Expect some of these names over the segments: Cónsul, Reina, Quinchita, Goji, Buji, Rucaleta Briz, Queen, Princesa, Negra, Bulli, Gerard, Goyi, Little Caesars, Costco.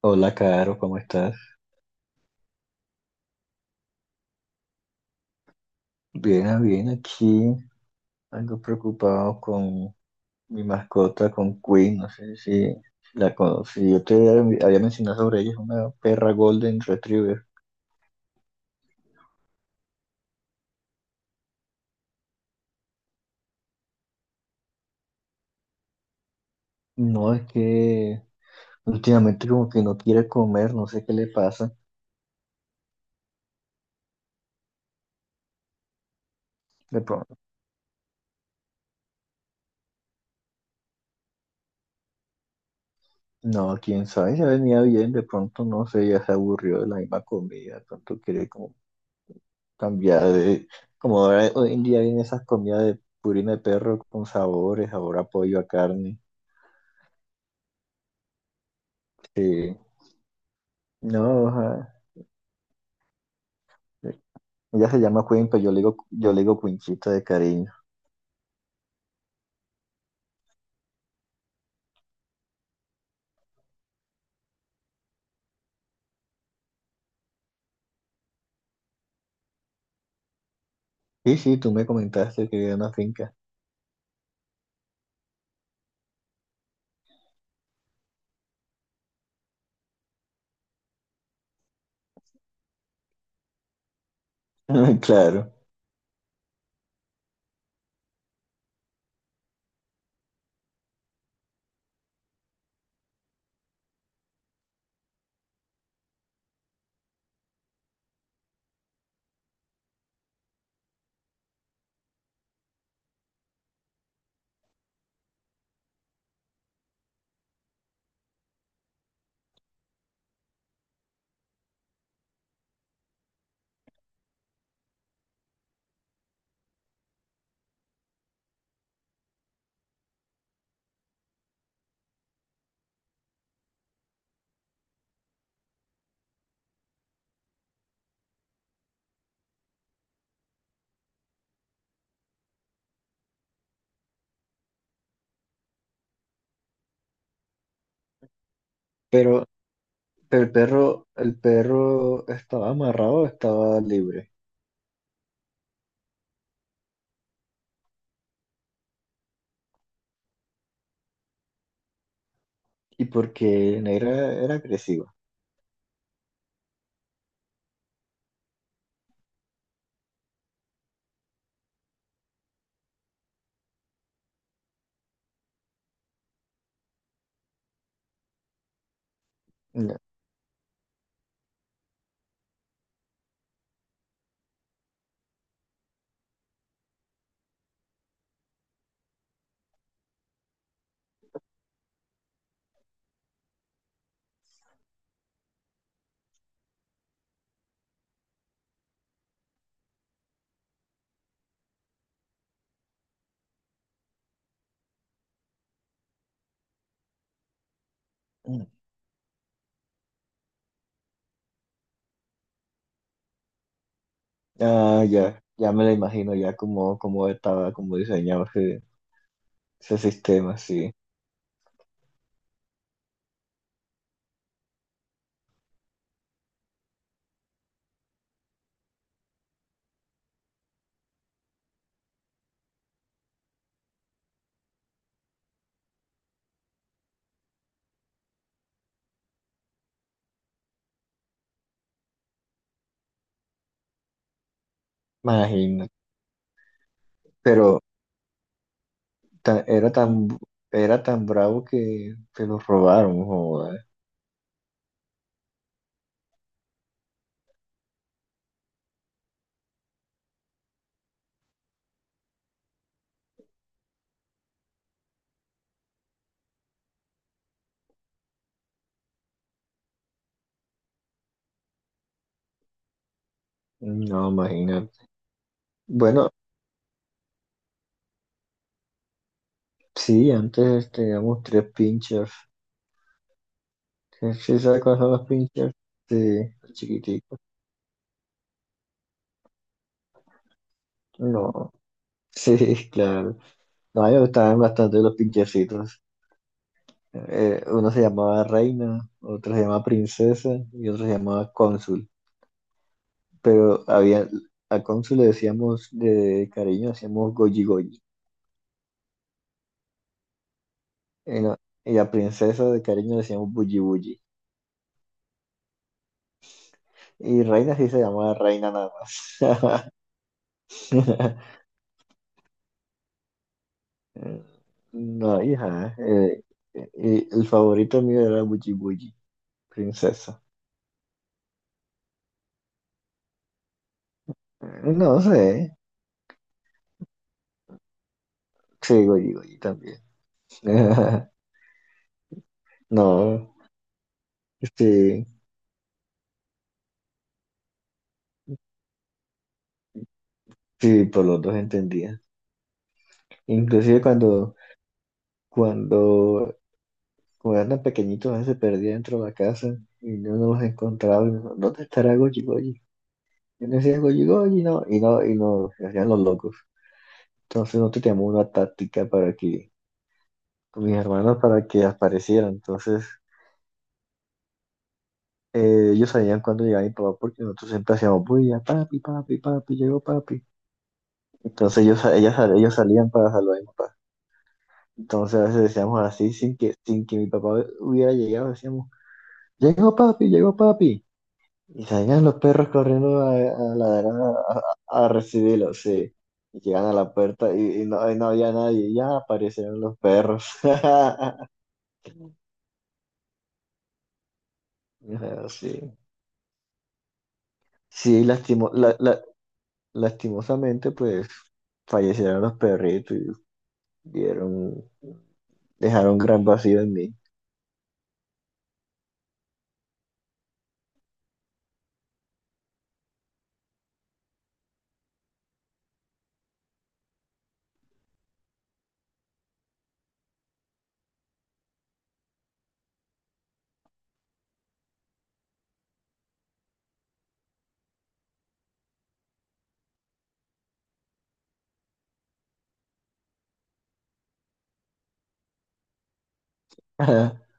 Hola, Caro, ¿cómo estás? Bien, bien, aquí algo preocupado con mi mascota, con Queen, no sé si la conocí. Yo te había mencionado sobre ella, es una perra Golden Retriever. No, es que últimamente como que no quiere comer, no sé qué le pasa. De pronto, no, quién sabe, ya venía bien, de pronto, no sé, ya se aburrió de la misma comida, de pronto quiere como cambiar de... Como ahora, hoy en día vienen esas comidas de purina de perro con sabores, sabor a pollo, a carne. Sí, no, ajá. Ella se llama Queen, pero yo le digo Quinchita de cariño. Sí, sí, tú me comentaste que era una finca. Claro, pero, pero el perro estaba amarrado o estaba libre. ¿Y porque Negra era agresiva? Ya. Ah, ya, ya me lo imagino ya como, como estaba, como diseñado ese sistema, sí. Imagino. Pero era tan, era tan bravo que se lo robaron, joder. No, imagínate. Bueno, sí, antes teníamos tres pinchers. ¿Sí sabes cuáles son los pinchers? Sí, los chiquiticos. No, sí, claro. No, a mí me gustaban bastante los pinchercitos. Uno se llamaba Reina, otro se llamaba Princesa y otro se llamaba Cónsul. Pero había, a Cónsul le decíamos de cariño, decíamos Goji Goji. Y, no- Y a Princesa de cariño le decíamos Bulli Bulli. Y Reina sí se llamaba Reina nada más. Eh, No, hija, el favorito mío era Buji Buji, princesa. No sé, sí, Goyi Goyi también. No, sí, sí, por los dos entendía. Inclusive cuando, cuando eran pequeñitos, a veces se perdía dentro de la casa y no nos encontraba. Y no, ¿dónde estará Goyi Goyi? Yo le decía Goyi Goyi, no, y no, se hacían los locos. Entonces nosotros teníamos una táctica para que, con mis hermanos, para que aparecieran. Entonces ellos sabían cuándo llegaba mi papá porque nosotros siempre hacíamos bulla, papi, papi, papi, llegó papi. Entonces ellos salían para saludar a mi papá. Entonces a veces decíamos así, sin que mi papá hubiera llegado, decíamos, llegó papi, llegó papi. Y salían los perros corriendo a ladrar a recibirlo, sí. Y llegan a la puerta y no, había nadie, ya aparecieron los perros. Ajá, sí, sí, lastimosamente, pues fallecieron los perritos. Dieron, Dejaron gran vacío en mí.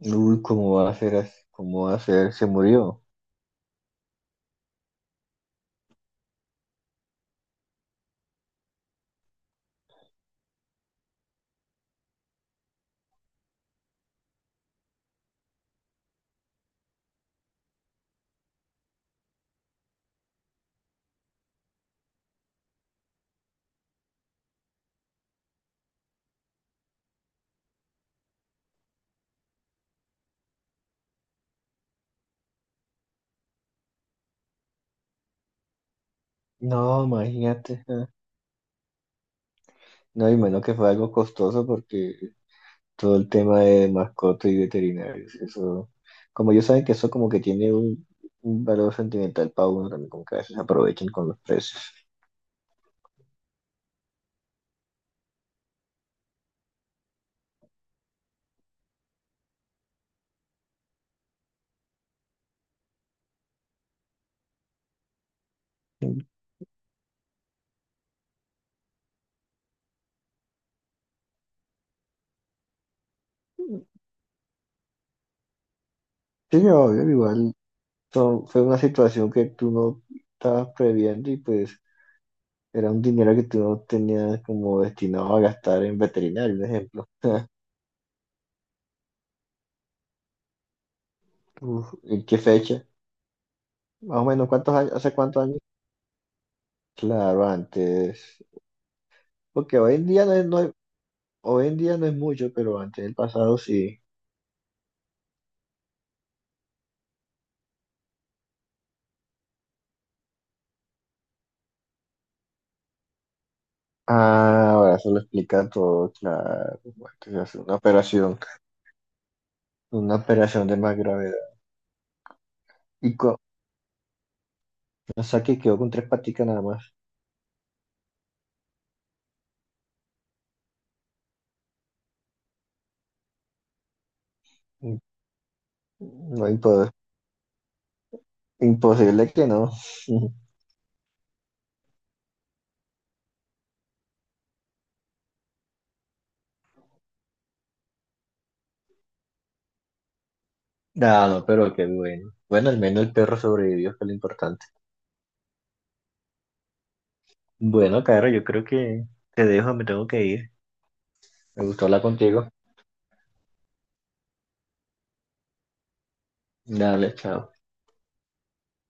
Uy, ¿cómo va a ser así? ¿Cómo va a ser? Se murió. No, imagínate. Ah. No, y menos que fue algo costoso porque todo el tema de mascotas y veterinarios, eso, como ellos saben que eso como que tiene un valor sentimental para uno también, como que a veces aprovechan con los precios. Sí, obvio, igual fue una situación que tú no estabas previendo y pues era un dinero que tú no tenías como destinado a gastar en veterinario, por ejemplo. Uf, ¿en qué fecha? Más o menos, ¿cuántos años? ¿Hace cuántos años? Claro, antes. Porque hoy en día no es- hoy en día no es mucho, pero antes del pasado sí. Ah, ahora eso lo explica todo, claro. Bueno, que se hace una operación de más gravedad. Y con, o sea que quedó con tres paticas nada más. Mm, No impo- imposible que no. No, no, pero qué bueno. Bueno, al menos el perro sobrevivió, que es lo importante. Bueno, Caro, yo creo que te dejo, me tengo que ir. Me gustó hablar contigo. Dale, chao.